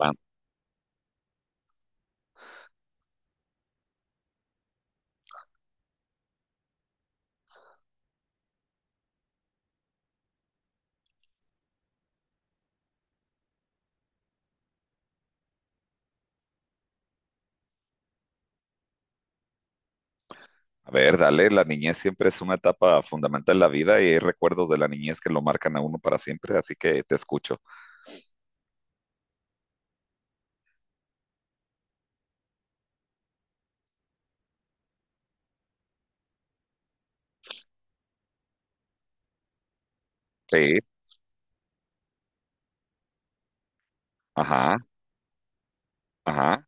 Va- A ver, dale, la niñez siempre es una etapa fundamental en la vida y hay recuerdos de la niñez que lo marcan a uno para siempre, así que te escucho. Sí, ajá, ajá.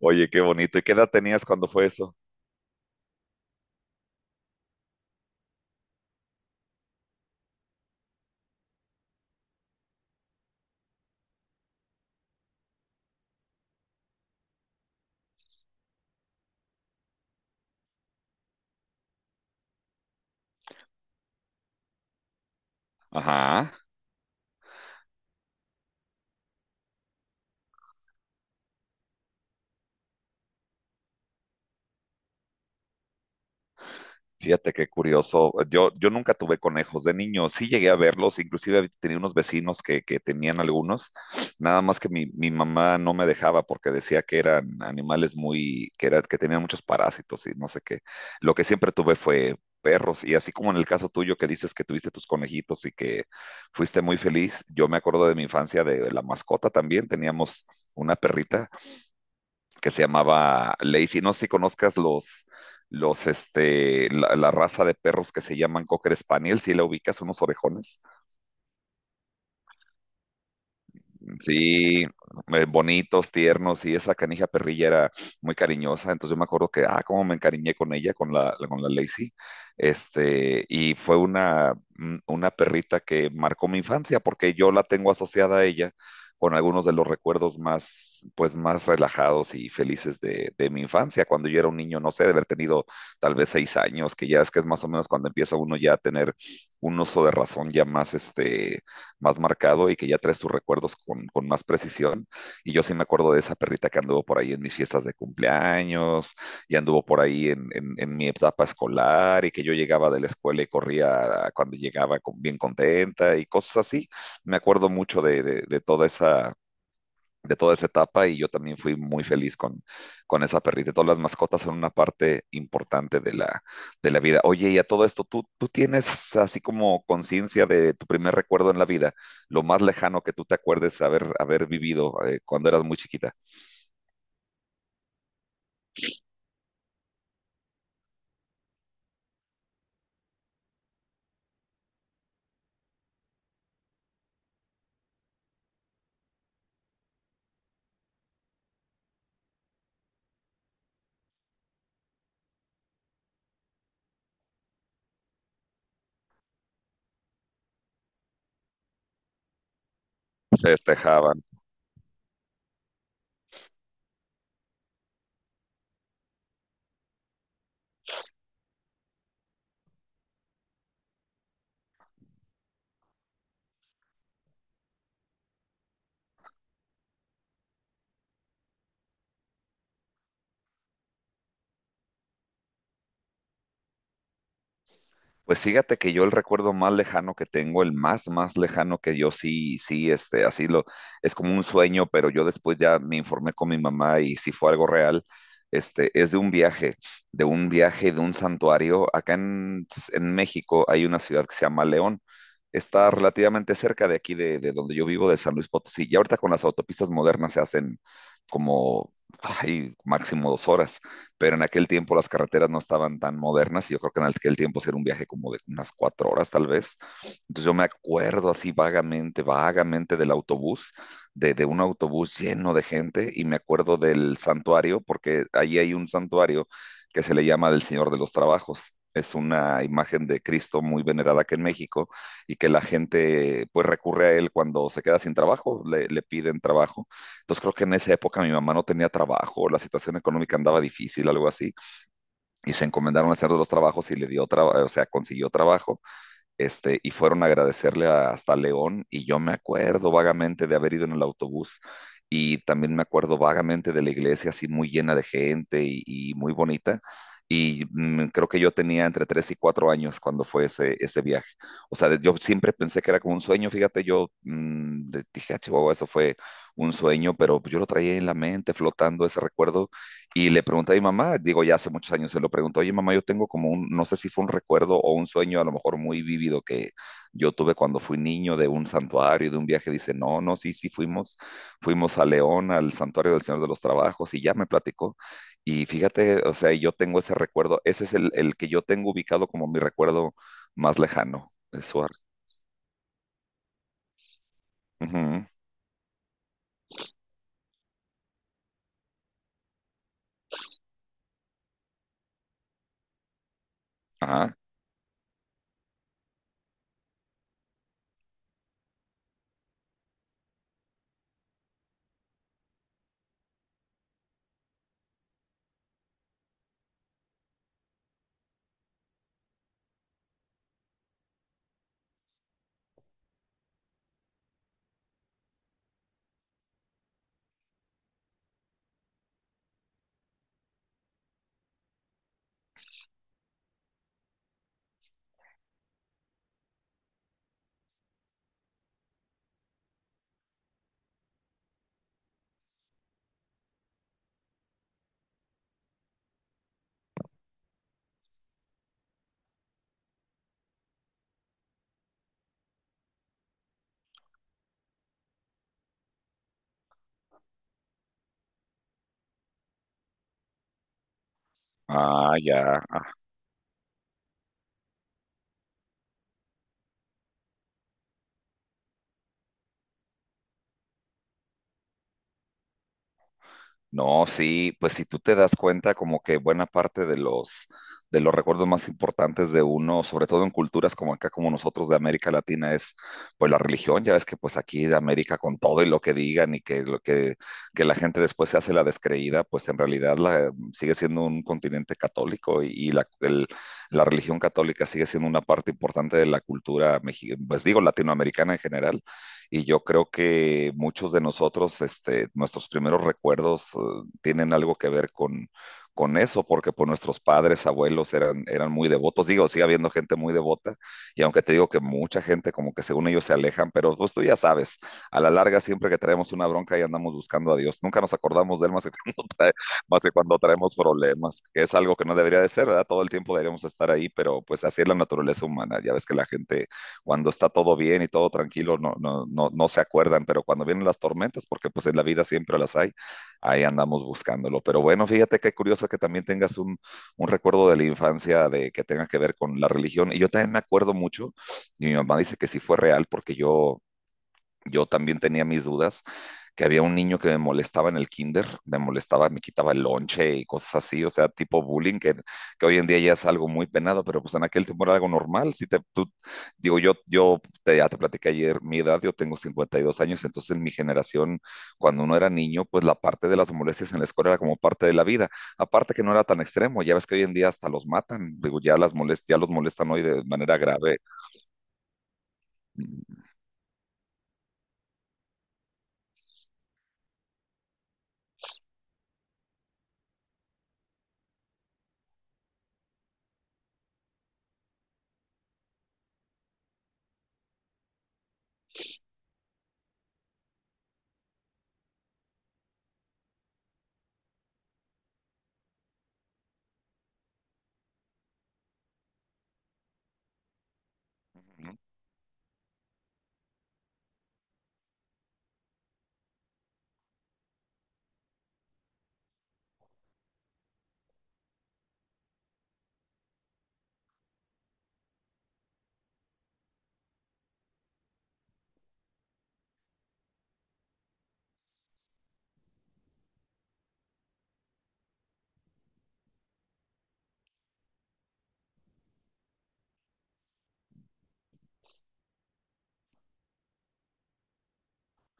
Oye, qué bonito. ¿Y qué edad tenías cuando fue eso? Ajá. Fíjate qué curioso. Yo nunca tuve conejos de niño. Sí llegué a verlos, inclusive tenía unos vecinos que tenían algunos. Nada más que mi mamá no me dejaba porque decía que eran animales muy, que tenían muchos parásitos y no sé qué. Lo que siempre tuve fue perros. Y así como en el caso tuyo que dices que tuviste tus conejitos y que fuiste muy feliz, yo me acuerdo de mi infancia de la mascota también. Teníamos una perrita que se llamaba Lazy. No sé si conozcas la raza de perros que se llaman Cocker Spaniel, si la ubicas, unos orejones. Sí, bonitos, tiernos, y esa canija perrilla era muy cariñosa. Entonces yo me acuerdo que, ah, cómo me encariñé con ella, con la Lacey. Y fue una perrita que marcó mi infancia, porque yo la tengo asociada a ella con algunos de los recuerdos más, pues, más relajados y felices de mi infancia, cuando yo era un niño, no sé, de haber tenido tal vez 6 años, que ya es que es más o menos cuando empieza uno ya a tener un uso de razón ya más, más marcado y que ya traes tus recuerdos con más precisión. Y yo sí me acuerdo de esa perrita que anduvo por ahí en mis fiestas de cumpleaños y anduvo por ahí en mi etapa escolar y que yo llegaba de la escuela y corría cuando llegaba bien contenta y cosas así. Me acuerdo mucho de, de toda esa etapa y yo también fui muy feliz con esa perrita. Todas las mascotas son una parte importante de la vida. Oye, y a todo esto, ¿tú tienes así como conciencia de tu primer recuerdo en la vida, lo más lejano que tú te acuerdes haber, haber vivido cuando eras muy chiquita? Festejaban. Pues fíjate que yo el recuerdo más lejano que tengo, el más, más lejano que yo sí, así lo, es como un sueño, pero yo después ya me informé con mi mamá y si fue algo real. Es de un viaje, de un santuario. Acá en México hay una ciudad que se llama León. Está relativamente cerca de aquí, de donde yo vivo, de San Luis Potosí. Y ahorita con las autopistas modernas se hacen como, ay, máximo 2 horas, pero en aquel tiempo las carreteras no estaban tan modernas y yo creo que en aquel tiempo sí era un viaje como de unas 4 horas tal vez. Entonces yo me acuerdo así vagamente del autobús, de un autobús lleno de gente, y me acuerdo del santuario, porque allí hay un santuario que se le llama del Señor de los Trabajos. Es una imagen de Cristo muy venerada aquí en México, y que la gente pues recurre a él cuando se queda sin trabajo, le piden trabajo. Entonces creo que en esa época mi mamá no tenía trabajo, la situación económica andaba difícil, algo así, y se encomendaron a hacer de los trabajos y le dio trabajo, o sea, consiguió trabajo. Y fueron a agradecerle hasta León, y yo me acuerdo vagamente de haber ido en el autobús, y también me acuerdo vagamente de la iglesia así muy llena de gente y muy bonita, y creo que yo tenía entre 3 y 4 años cuando fue ese viaje. O sea, yo siempre pensé que era como un sueño, fíjate. Yo dije, "Ah, Chihuahua, eso fue un sueño", pero yo lo traía en la mente flotando ese recuerdo, y le pregunté a mi mamá, digo, ya hace muchos años se lo pregunto, oye, mamá, yo tengo como un, no sé si fue un recuerdo o un sueño a lo mejor muy vívido que yo tuve cuando fui niño, de un santuario, de un viaje. Dice, no, no, sí, sí, fuimos a León, al santuario del Señor de los Trabajos, y ya me platicó. Y fíjate, o sea, yo tengo ese recuerdo, ese es el que yo tengo ubicado como mi recuerdo más lejano. Eso, ujú, ajá, ah, ya. No, sí, pues si tú te das cuenta como que buena parte de los recuerdos más importantes de uno, sobre todo en culturas como acá como nosotros de América Latina, es pues la religión. Ya ves que pues aquí de América, con todo y lo que digan y que lo que la gente después se hace la descreída, pues en realidad sigue siendo un continente católico, y la religión católica sigue siendo una parte importante de la cultura pues digo latinoamericana en general. Y yo creo que muchos de nosotros, nuestros primeros recuerdos tienen algo que ver con eso, porque pues nuestros padres, abuelos eran muy devotos. Digo, sigue habiendo gente muy devota, y aunque te digo que mucha gente como que según ellos se alejan, pero pues tú ya sabes, a la larga siempre que traemos una bronca y andamos buscando a Dios, nunca nos acordamos de él más que más que cuando traemos problemas, que es algo que no debería de ser, ¿verdad? Todo el tiempo deberíamos estar ahí, pero pues así es la naturaleza humana. Ya ves que la gente, cuando está todo bien y todo tranquilo, no se acuerdan, pero cuando vienen las tormentas, porque pues en la vida siempre las hay, ahí andamos buscándolo. Pero bueno, fíjate qué curioso que también tengas un, recuerdo de la infancia de que tenga que ver con la religión. Y yo también me acuerdo mucho, y mi mamá dice que sí fue real, porque yo también tenía mis dudas, que había un niño que me molestaba en el kinder, me quitaba el lonche y cosas así, o sea, tipo bullying, que hoy en día ya es algo muy penado, pero pues en aquel tiempo era algo normal. Si te, tú, digo, ya te platiqué ayer mi edad, yo tengo 52 años. Entonces, en mi generación, cuando uno era niño, pues la parte de las molestias en la escuela era como parte de la vida, aparte que no era tan extremo. Ya ves que hoy en día hasta los matan, digo, ya los molestan hoy de manera grave.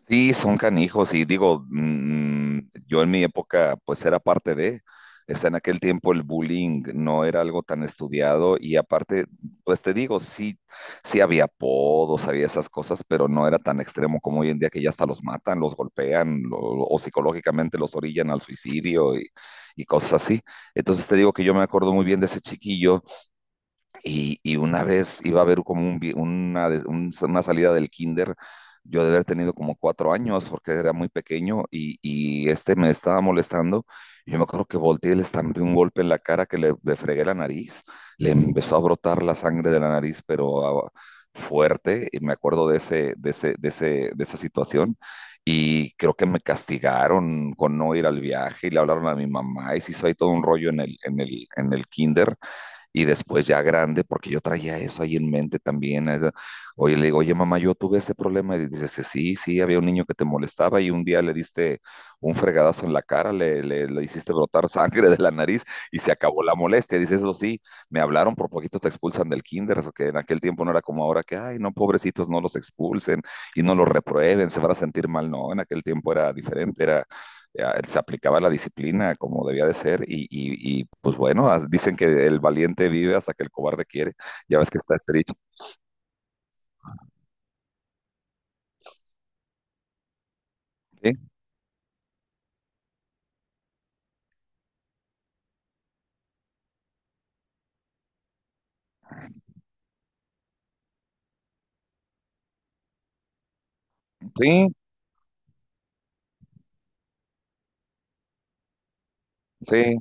Sí, son canijos, y digo, yo en mi época pues era parte de, o sea, en aquel tiempo el bullying no era algo tan estudiado, y aparte, pues te digo, sí, sí había apodos, había esas cosas, pero no era tan extremo como hoy en día que ya hasta los matan, los golpean, o psicológicamente los orillan al suicidio, y cosas así. Entonces te digo que yo me acuerdo muy bien de ese chiquillo, y una vez iba a haber como un vi- una, de- un- una salida del kinder, yo de haber tenido como 4 años porque era muy pequeño, y, y me estaba molestando. Y yo me acuerdo que volteé y le estampé un golpe en la cara que le fregué la nariz, le empezó a brotar la sangre de la nariz, pero ah, fuerte. Y me acuerdo de ese, de esa situación. Y creo que me castigaron con no ir al viaje, y le hablaron a mi mamá y se hizo ahí todo un rollo en el, kinder, y después ya grande, porque yo traía eso ahí en mente también. Oye, le digo, oye, mamá, yo tuve ese problema. Y dices, sí, sí, había un niño que te molestaba y un día le diste un fregadazo en la cara, le hiciste brotar sangre de la nariz, y se acabó la molestia. Dices, eso sí, me hablaron, por poquito te expulsan del kinder, porque en aquel tiempo no era como ahora que, ay, no, pobrecitos, no los expulsen y no los reprueben, se van a sentir mal. No, en aquel tiempo era diferente. Era ya, se aplicaba la disciplina como debía de ser, y, pues bueno, dicen que el valiente vive hasta que el cobarde quiere. Ya ves que está ese dicho. Sí, sí, sí.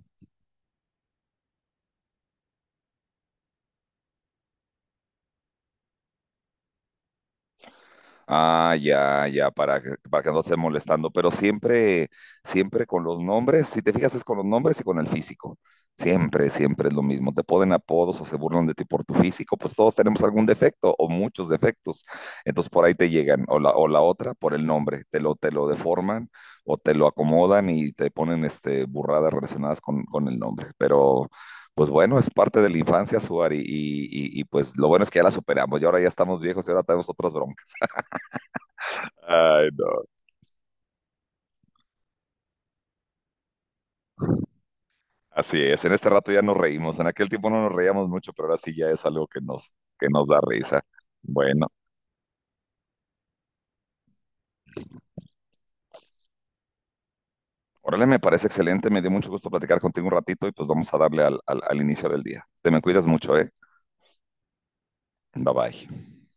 Ah, ya, ya, para que no esté molestando, pero siempre, siempre con los nombres. Si te fijas, es con los nombres y con el físico. Siempre, siempre es lo mismo. Te ponen apodos o se burlan de ti por tu físico, pues todos tenemos algún defecto o muchos defectos. Entonces por ahí te llegan, o la otra por el nombre, te lo deforman o te lo acomodan y te ponen este, burradas relacionadas con el nombre. Pero pues bueno, es parte de la infancia, Suar, y pues lo bueno es que ya la superamos, y ahora ya estamos viejos y ahora tenemos otras bromas. Ay, no. Así es, en este rato ya nos reímos. En aquel tiempo no nos reíamos mucho, pero ahora sí ya es algo que nos da risa. Bueno, órale, me parece excelente. Me dio mucho gusto platicar contigo un ratito, y pues vamos a darle al, al, al inicio del día. Te me cuidas mucho, ¿eh? Bye bye.